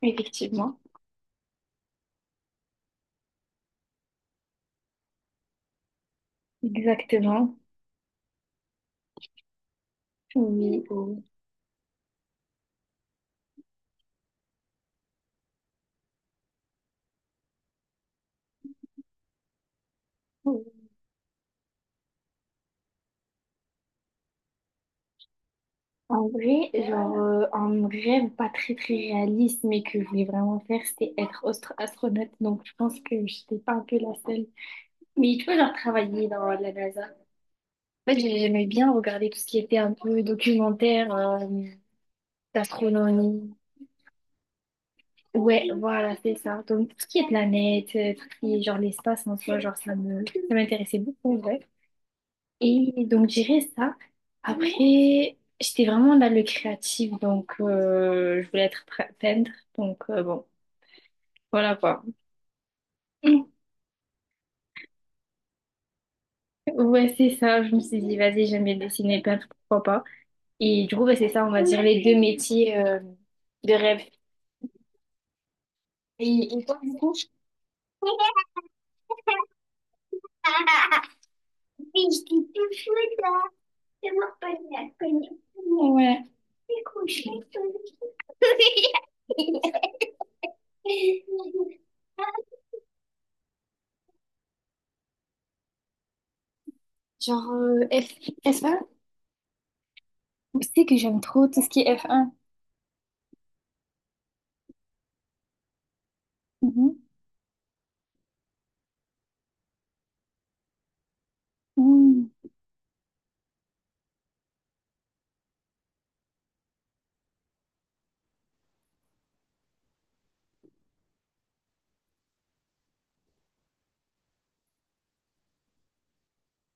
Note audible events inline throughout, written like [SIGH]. Effectivement, exactement. Oui, oui. Oui. En vrai, genre, un rêve pas très très réaliste, mais que je voulais vraiment faire, c'était être astronaute. Donc, je pense que j'étais pas un peu la seule. Mais tu vois, genre, travailler dans la NASA. En fait, j'aimais bien regarder tout ce qui était un peu documentaire, d'astronomie. Ouais, voilà, c'est ça. Donc, tout ce qui est planète, tout ce qui est genre l'espace en soi, genre, ça m'intéressait beaucoup, ouais. Et donc, je dirais ça. Après, j'étais vraiment dans le créatif, donc je voulais être peintre. Donc, bon, voilà quoi. [LAUGHS] Mm. Ouais, c'est ça. Je me suis dit, vas-y, j'aime bien dessiner, peindre, pourquoi pas. Et du coup, bah, c'est ça, on va dire, les deux métiers de rêve. Et toi, du coup? [LAUGHS] Oui, je dis tout de là. C'est moi, pas la conne. Ouais. C'est cool, je suis tout de [LAUGHS] Genre, F1? Tu sais que j'aime trop tout ce qui est F1. Mhm. Mhm.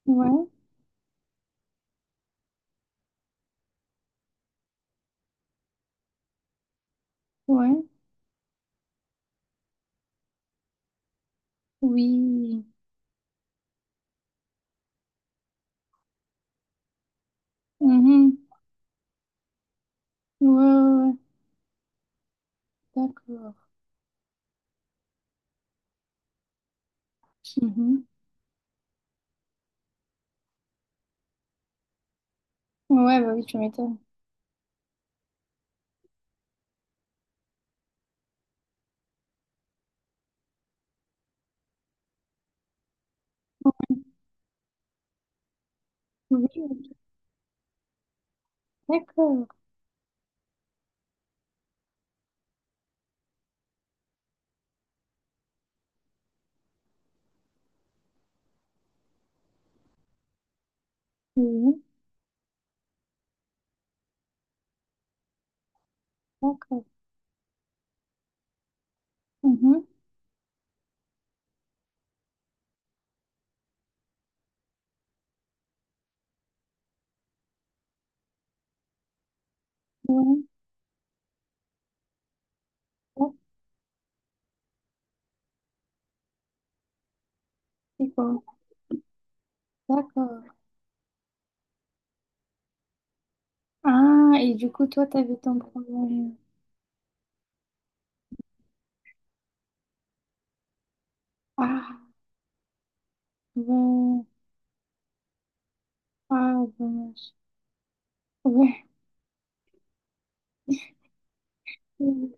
Ouais, ouais, oui. Mhm. Ouais, ouais, ouais. D'accord. Mhm. Ouais, bah oui, tu m'étonnes. Oui, oui. D'accord. Oui, d'accord. Mhm. Ouais, ouais, c'est bon. D'accord. Ah, et du coup, toi, t'avais ton problème. Ah, bon. Ah, dommage. Ouais. Ok.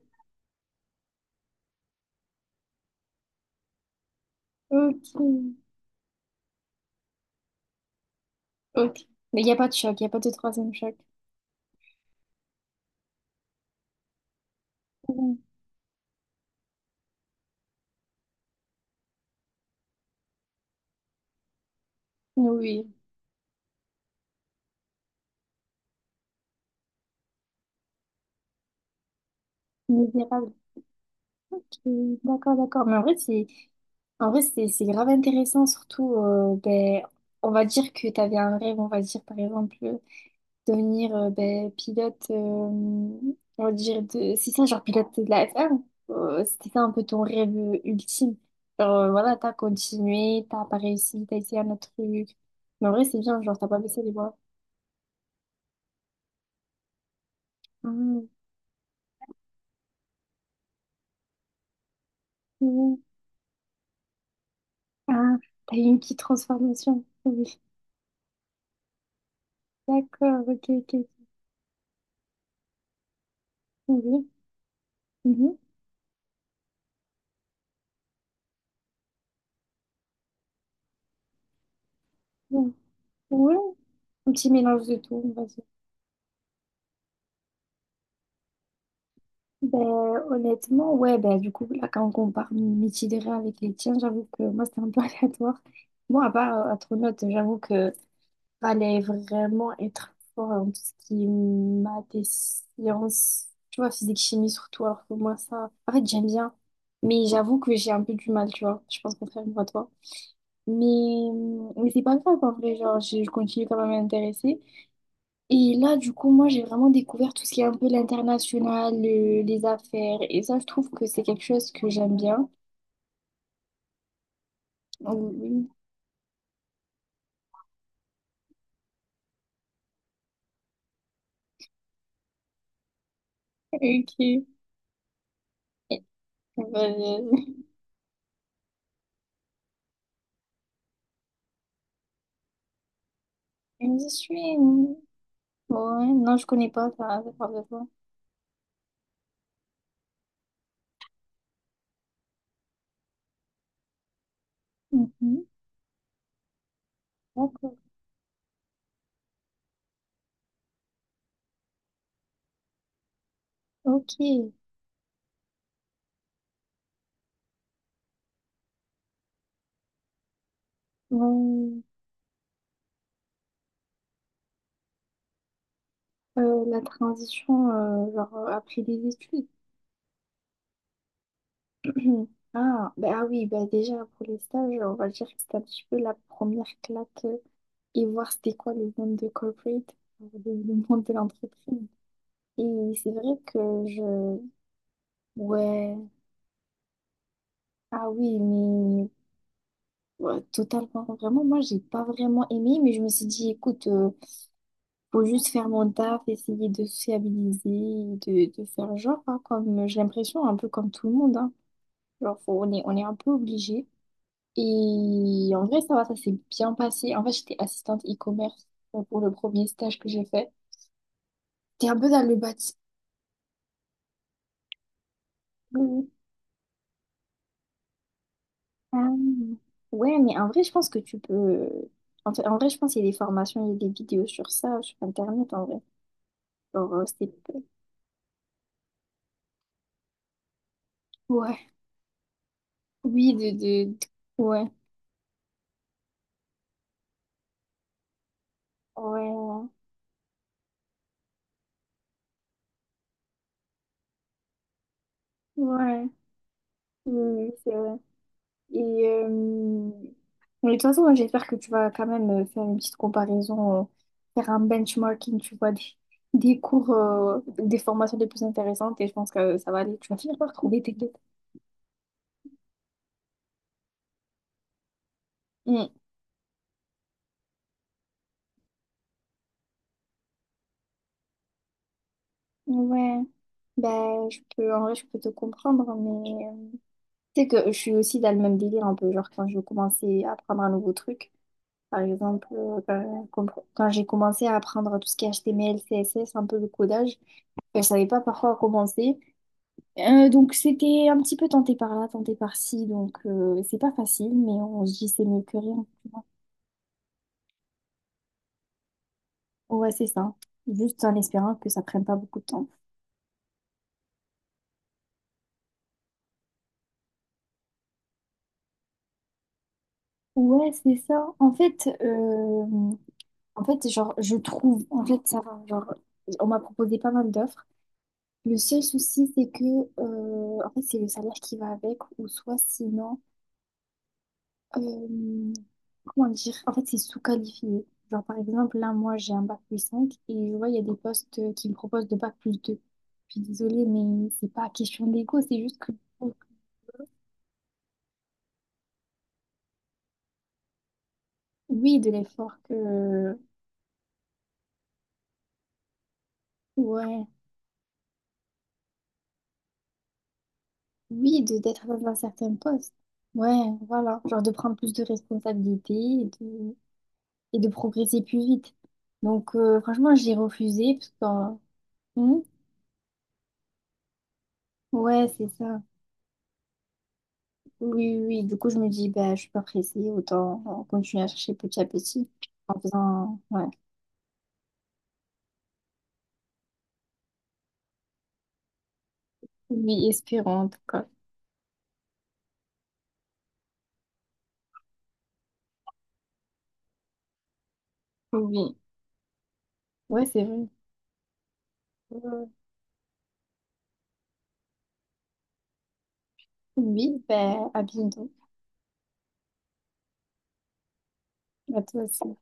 Ok. Mais il n'y a pas de choc, il n'y a pas de troisième choc. Oui, oui. Misérable. Ok, d'accord, d'accord. Mais en vrai, c'est grave intéressant, surtout, ben, on va dire que tu avais un rêve, on va dire, par exemple, devenir ben, pilote, on va dire, de... c'est ça, genre pilote de la F1. C'était ça un peu ton rêve ultime. Genre, voilà, t'as continué, t'as pas réussi, t'as essayé un autre truc. Mais en vrai, c'est bien, genre, t'as pas baissé les bras. Mmh, mmh. Ah, t'as eu une petite transformation. Oui. D'accord, ok, ok. Oui. Oui. Mhm. Ouais, un petit mélange de tout, vas-y. Ben, honnêtement, ouais, ben, du coup, là, quand on compare mes titres avec les tiens, j'avoue que moi, c'était un peu [LAUGHS] aléatoire. Moi, à part Astronaute, j'avoue que fallait vraiment être fort en tout ce qui est maths et sciences, tu vois, physique, chimie surtout, alors que moi, ça, en fait, j'aime bien. Mais j'avoue que j'ai un peu du mal, tu vois. Je pense contrairement à toi. Mais, mais c'est pas grave, en vrai, genre, je continue quand même à m'intéresser. Et là, du coup, moi, j'ai vraiment découvert tout ce qui est un peu l'international, les affaires. Et ça, je trouve que c'est quelque chose que j'aime bien. Oui, ok. Euh, je suis... Ouais, non, je connais pas ça. Ça parle de quoi? Mhm. D'accord. Ok. Bon, la transition, genre, après les études. Mhm. Ah, ben ah oui, ben déjà pour les stages, on va dire que c'était un petit peu la première claque et voir c'était quoi le monde de corporate, le monde de l'entreprise. Et c'est vrai que je... Ouais, ah oui, mais ouais, totalement, vraiment, moi j'ai pas vraiment aimé, mais je me suis dit, écoute, faut juste faire mon taf, essayer de sociabiliser, de faire genre, hein, comme j'ai l'impression, un peu comme tout le monde, hein. Genre, on est un peu obligé. Et en vrai, ça va, ça s'est bien passé. En fait, j'étais assistante e-commerce pour le premier stage que j'ai fait. T'es un peu dans le bâtiment. Ouais, mais en vrai, je pense que tu peux. En fait, en vrai, je pense qu'il y a des formations, il y a des vidéos sur ça, sur Internet, en vrai. Genre, Ouais. Oui, Ouais. Ouais. Ouais. Oui, oui, c'est vrai. Et, mais de toute façon, j'espère que tu vas quand même faire une petite comparaison, faire un benchmarking, tu vois, des cours, des formations les plus intéressantes et je pense que ça va aller. Tu vas finir par trouver tes deux. Mm. Ouais. Ben, je peux, en vrai, je peux te comprendre, mais tu sais que je suis aussi dans le même délire un peu. Genre, quand je commençais à apprendre un nouveau truc, par exemple, quand, quand j'ai commencé à apprendre tout ce qui est HTML, CSS, un peu le codage, ben, je savais pas par quoi commencer. Donc c'était un petit peu tenté par là, tenté par ci, donc c'est pas facile, mais on se dit c'est mieux que rien, tu vois. Ouais, c'est ça. Juste en espérant que ça prenne pas beaucoup de temps. Ouais, c'est ça. Genre, je trouve, en fait, ça va. Genre, on m'a proposé pas mal d'offres. Le seul souci, c'est que, en fait, c'est le salaire qui va avec, ou soit sinon, euh, comment dire? En fait, c'est sous-qualifié. Genre, par exemple, là, moi, j'ai un bac +5 et je vois, il y a des postes qui me proposent de bac +2. Je suis désolée, mais c'est pas question d'ego, c'est juste que, oui, de l'effort que, ouais, oui, de d'être dans un certain poste. Ouais, voilà. Genre, de prendre plus de responsabilités et de progresser plus vite. Donc, franchement, j'ai refusé parce que, ouais, c'est ça. Oui, oui, du coup, je me dis, bah, je suis pas pressée, autant continuer à chercher petit à petit, en faisant, ouais, oui, espérant, en tout cas. Oui, ouais, c'est vrai. Oui, bah, à bientôt, à toi aussi.